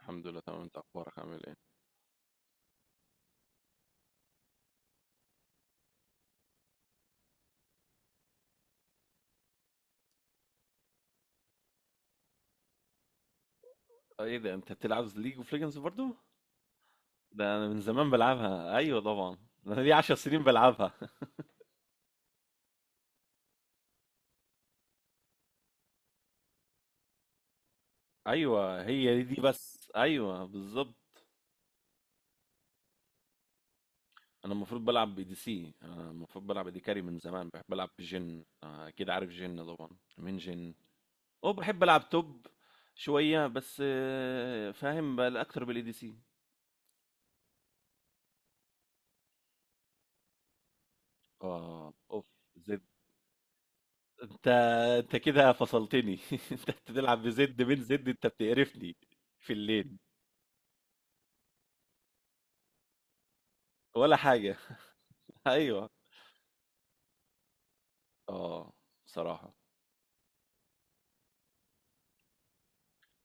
الحمد لله تمام. انت اخبارك عامل ايه؟ ايه ده، انت بتلعب ليج اوف ليجندز برضو؟ ده انا من زمان بلعبها، ايوه طبعا. ده انا لي 10 سنين بلعبها. ايوه هي دي، بس ايوه بالظبط. انا المفروض بلعب بي دي سي، انا المفروض بلعب دي كاري. من زمان بحب العب بجن. اكيد عارف جن طبعا. من جن. او بحب العب توب شويه بس. فاهم بقى اكتر بالاي دي سي. اه اوف. انت انت كده فصلتني. انت بتلعب بزد؟ من زد انت بتقرفني في الليل. ولا حاجه. ايوه اه صراحه.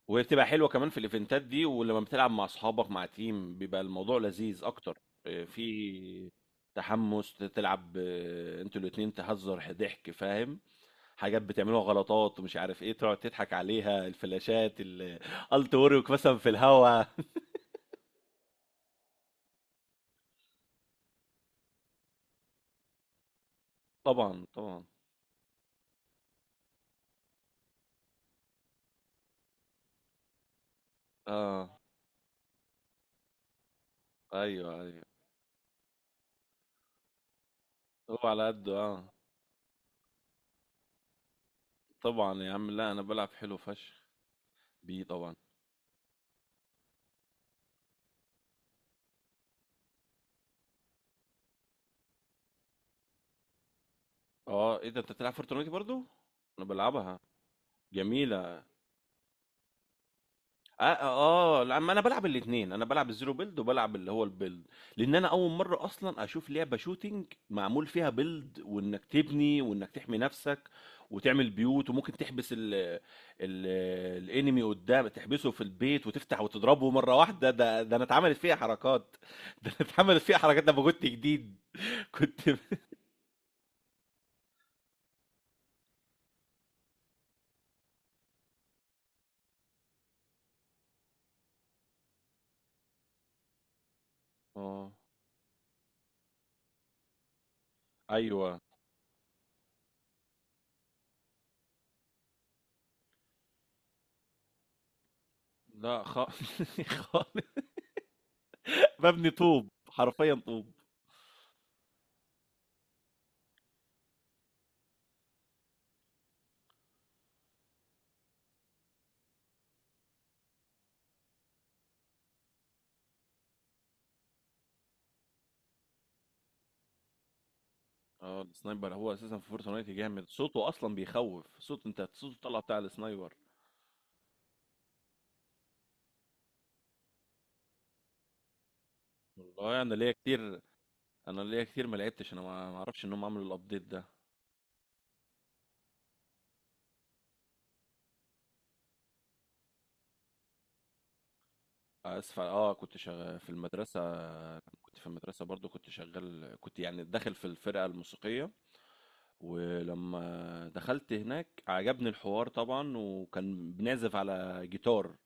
وهي بتبقى حلوه كمان في الايفنتات دي، ولما بتلعب مع اصحابك مع تيم بيبقى الموضوع لذيذ اكتر. اه، في تحمس تلعب. اه، انتوا الاتنين تهزر، ضحك فاهم، حاجات بتعملوها، غلطات ومش عارف ايه، تقعد تضحك عليها. الفلاشات الالت مثلا في الهوا. طبعا طبعا. اه ايوه ايوه. هو على قده اه. طبعا يا عم، لا انا بلعب حلو فشخ بيه طبعا. اه، ايه ده انت بتلعب فورتنايت برضو؟ انا بلعبها، جميله. اه اه. لا ما انا بلعب الاثنين، انا بلعب الزيرو بيلد وبلعب اللي هو البيلد. لان انا اول مره اصلا اشوف لعبه شوتينج معمول فيها بيلد، وانك تبني وانك تحمي نفسك وتعمل بيوت وممكن تحبس ال الانمي قدام، تحبسه في البيت وتفتح وتضربه مره واحده. ده ده انا اتعملت فيها حركات. ده انا اتعملت فيها حركات لما كنت جديد. كنت آه. أيوه. لأ خ خالص. مبني طوب، حرفيًا طوب. السنايبر هو أساسًا في فورتنايت جامد، صوته أصلًا بيخوّف، صوت أنت صوته طالع بتاع السنايبر. والله أنا ليّا كتير ما لعبتش، أنا ما أعرفش إن هم عملوا الupdate ده. آسف ع كنت شغا في المدرسة، كنت في المدرسة برضه، كنت شغّال، كنت يعني داخل في الفرقة الموسيقية، ولمّا دخلت هناك عجبني الحوار طبعًا، وكان بنعزف على جيتار.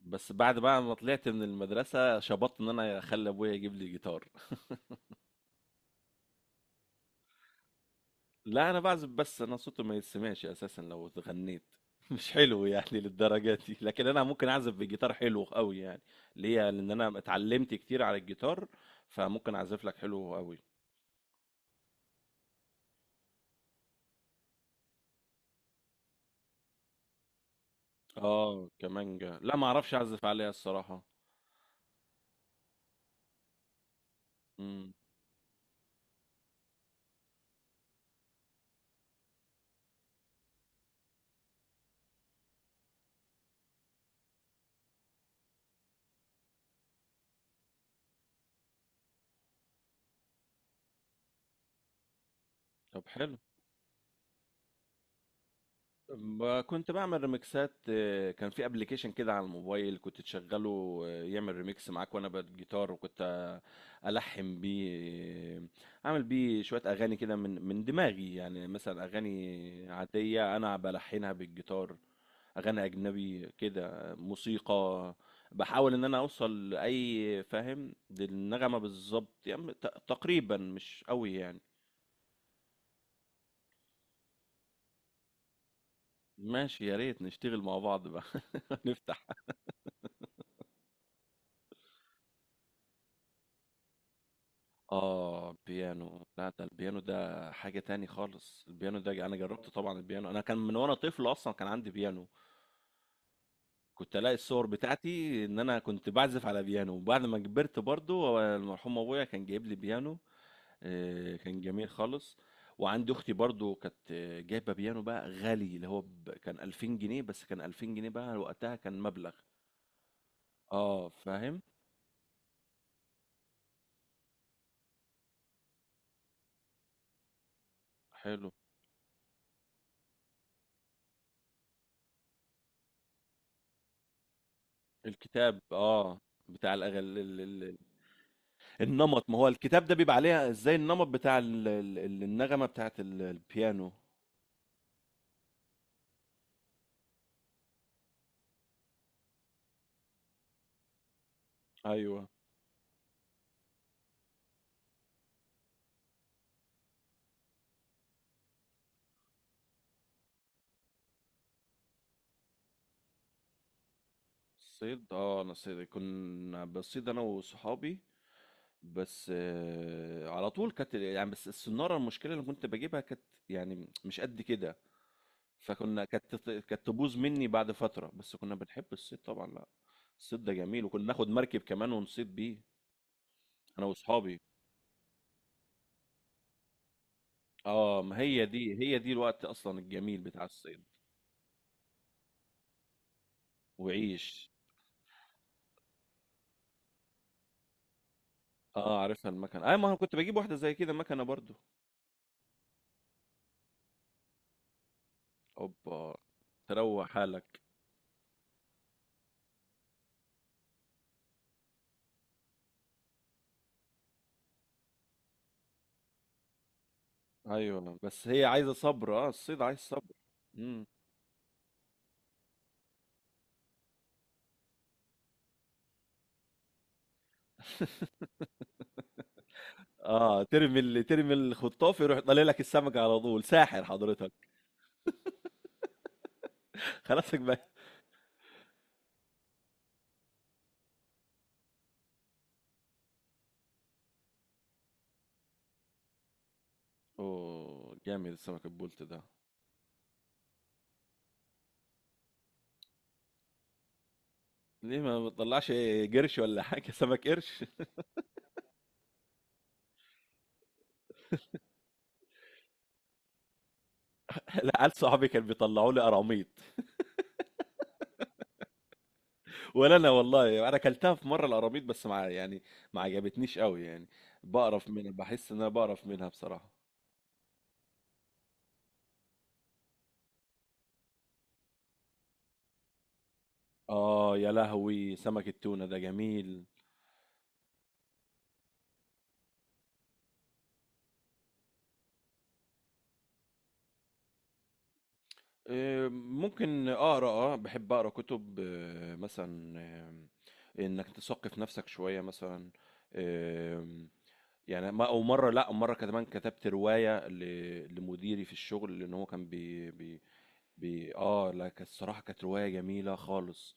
بس بعد بقى ما طلعت من المدرسة شبطت ان انا اخلي ابويا يجيب لي جيتار. لا انا بعزف بس، انا صوتي ما يتسمعش اساسا لو غنيت. مش حلو يعني للدرجة دي، لكن انا ممكن اعزف بجيتار حلو قوي يعني. ليه؟ لان انا اتعلمت كتير على الجيتار، فممكن اعزف لك حلو قوي. اه كمانجا، لا ما اعرفش اعزف عليها الصراحة. امم. طب حلو. كنت بعمل ريمكسات. كان في ابلكيشن كده على الموبايل كنت تشغله، يعمل ريمكس معاك وانا بالجيتار، وكنت الحن بيه. آه، اعمل بيه شوية اغاني كده من دماغي يعني، مثلا اغاني عادية انا بلحنها بالجيتار، اغاني اجنبي كده، موسيقى. بحاول ان انا اوصل لاي فاهم للنغمة بالظبط يعني، تقريبا مش قوي يعني. ماشي، يا ريت نشتغل مع بعض بقى. نفتح آه بيانو. لا ده البيانو ده حاجة تاني خالص. البيانو ده أنا جربت طبعا البيانو، أنا كان من وأنا طفل أصلا كان عندي بيانو. كنت ألاقي الصور بتاعتي إن أنا كنت بعزف على بيانو، وبعد ما كبرت برضو هو المرحوم أبويا كان جايب لي بيانو. كان جميل خالص. وعندي أختي برضو كانت جايبة بيانو بقى غالي، اللي هو كان 2000 جنيه. بس كان 2000 جنيه بقى وقتها كان مبلغ. آه فاهم. حلو. الكتاب آه، بتاع الأغاني. النمط، ما هو الكتاب ده بيبقى عليها ازاي، النمط بتاع النغمة بتاعت البيانو. ايوه. صيد، اه انا صيد كنا بصيد انا وصحابي، بس على طول كانت يعني، بس السنارة المشكلة اللي كنت بجيبها كانت يعني مش قد كده، فكنا كانت كانت تبوظ مني بعد فترة، بس كنا بنحب الصيد طبعا. لا الصيد ده جميل، وكنا ناخد مركب كمان ونصيد بيه انا واصحابي. اه ما هي دي، هي دي الوقت اصلا الجميل بتاع الصيد وعيش. اه عارفها المكنة، اي ما انا كنت بجيب واحدة زي كده مكنة برضو. اوبا، تروق حالك. ايوه بس هي عايزة صبر، اه الصيد عايز صبر. امم. اه ترمي، اللي ترمي الخطاف يروح طالع لك السمكة على طول. ساحر حضرتك. خلاصك بقى. اوه جامد السمك البولت ده. ليه ما بتطلعش قرش ولا حاجة، سمك قرش؟ لا عيال صحابي كانوا بيطلعوا لي قراميط. ولا انا والله، انا اكلتها في مرة القراميط بس مع يعني، ما عجبتنيش قوي يعني، بقرف منها، بحس ان انا بقرف منها بصراحة. آه يا لهوي سمك التونة ده جميل. ممكن أقرأ آه، بحب أقرأ كتب، مثلا إنك تثقف نفسك شوية مثلا. آه، يعني ما أو مرة، لأ مرة كمان كتبت رواية لمديري في الشغل، لأن هو كان بي بي... اه لا كانت الصراحة كانت رواية جميلة خالص.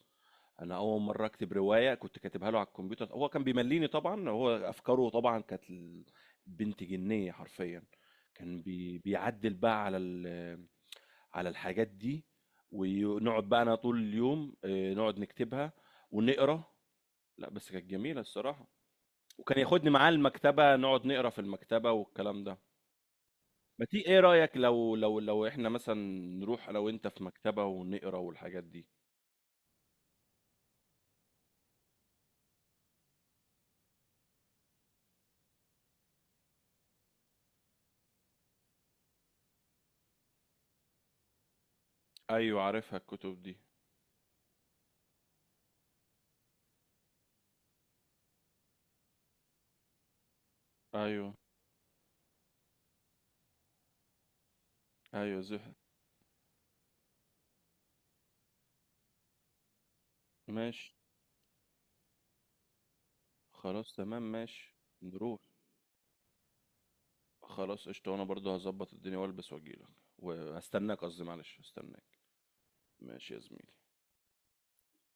انا اول مرة اكتب رواية، كنت كاتبها له على الكمبيوتر، هو كان بيمليني طبعا، هو افكاره طبعا كانت بنت جنية حرفيا. كان بي... بيعدل بقى على ال... على الحاجات دي، ونقعد بقى انا طول اليوم، نقعد نكتبها ونقرا. لا بس كانت جميلة الصراحة. وكان ياخدني معاه المكتبة نقعد نقرا في المكتبة والكلام ده. ما تي ايه رأيك، لو لو احنا مثلا نروح انا وانت في مكتبة ونقرا والحاجات دي؟ أيوه عارفها الكتب دي. أيوه أيوه زهق. ماشي. خلاص تمام ماشي. نروح. خلاص قشطة، وأنا برضه هظبط الدنيا وألبس وأجيلك وهستناك. قصدي معلش هستناك. ماشي يا زميلي.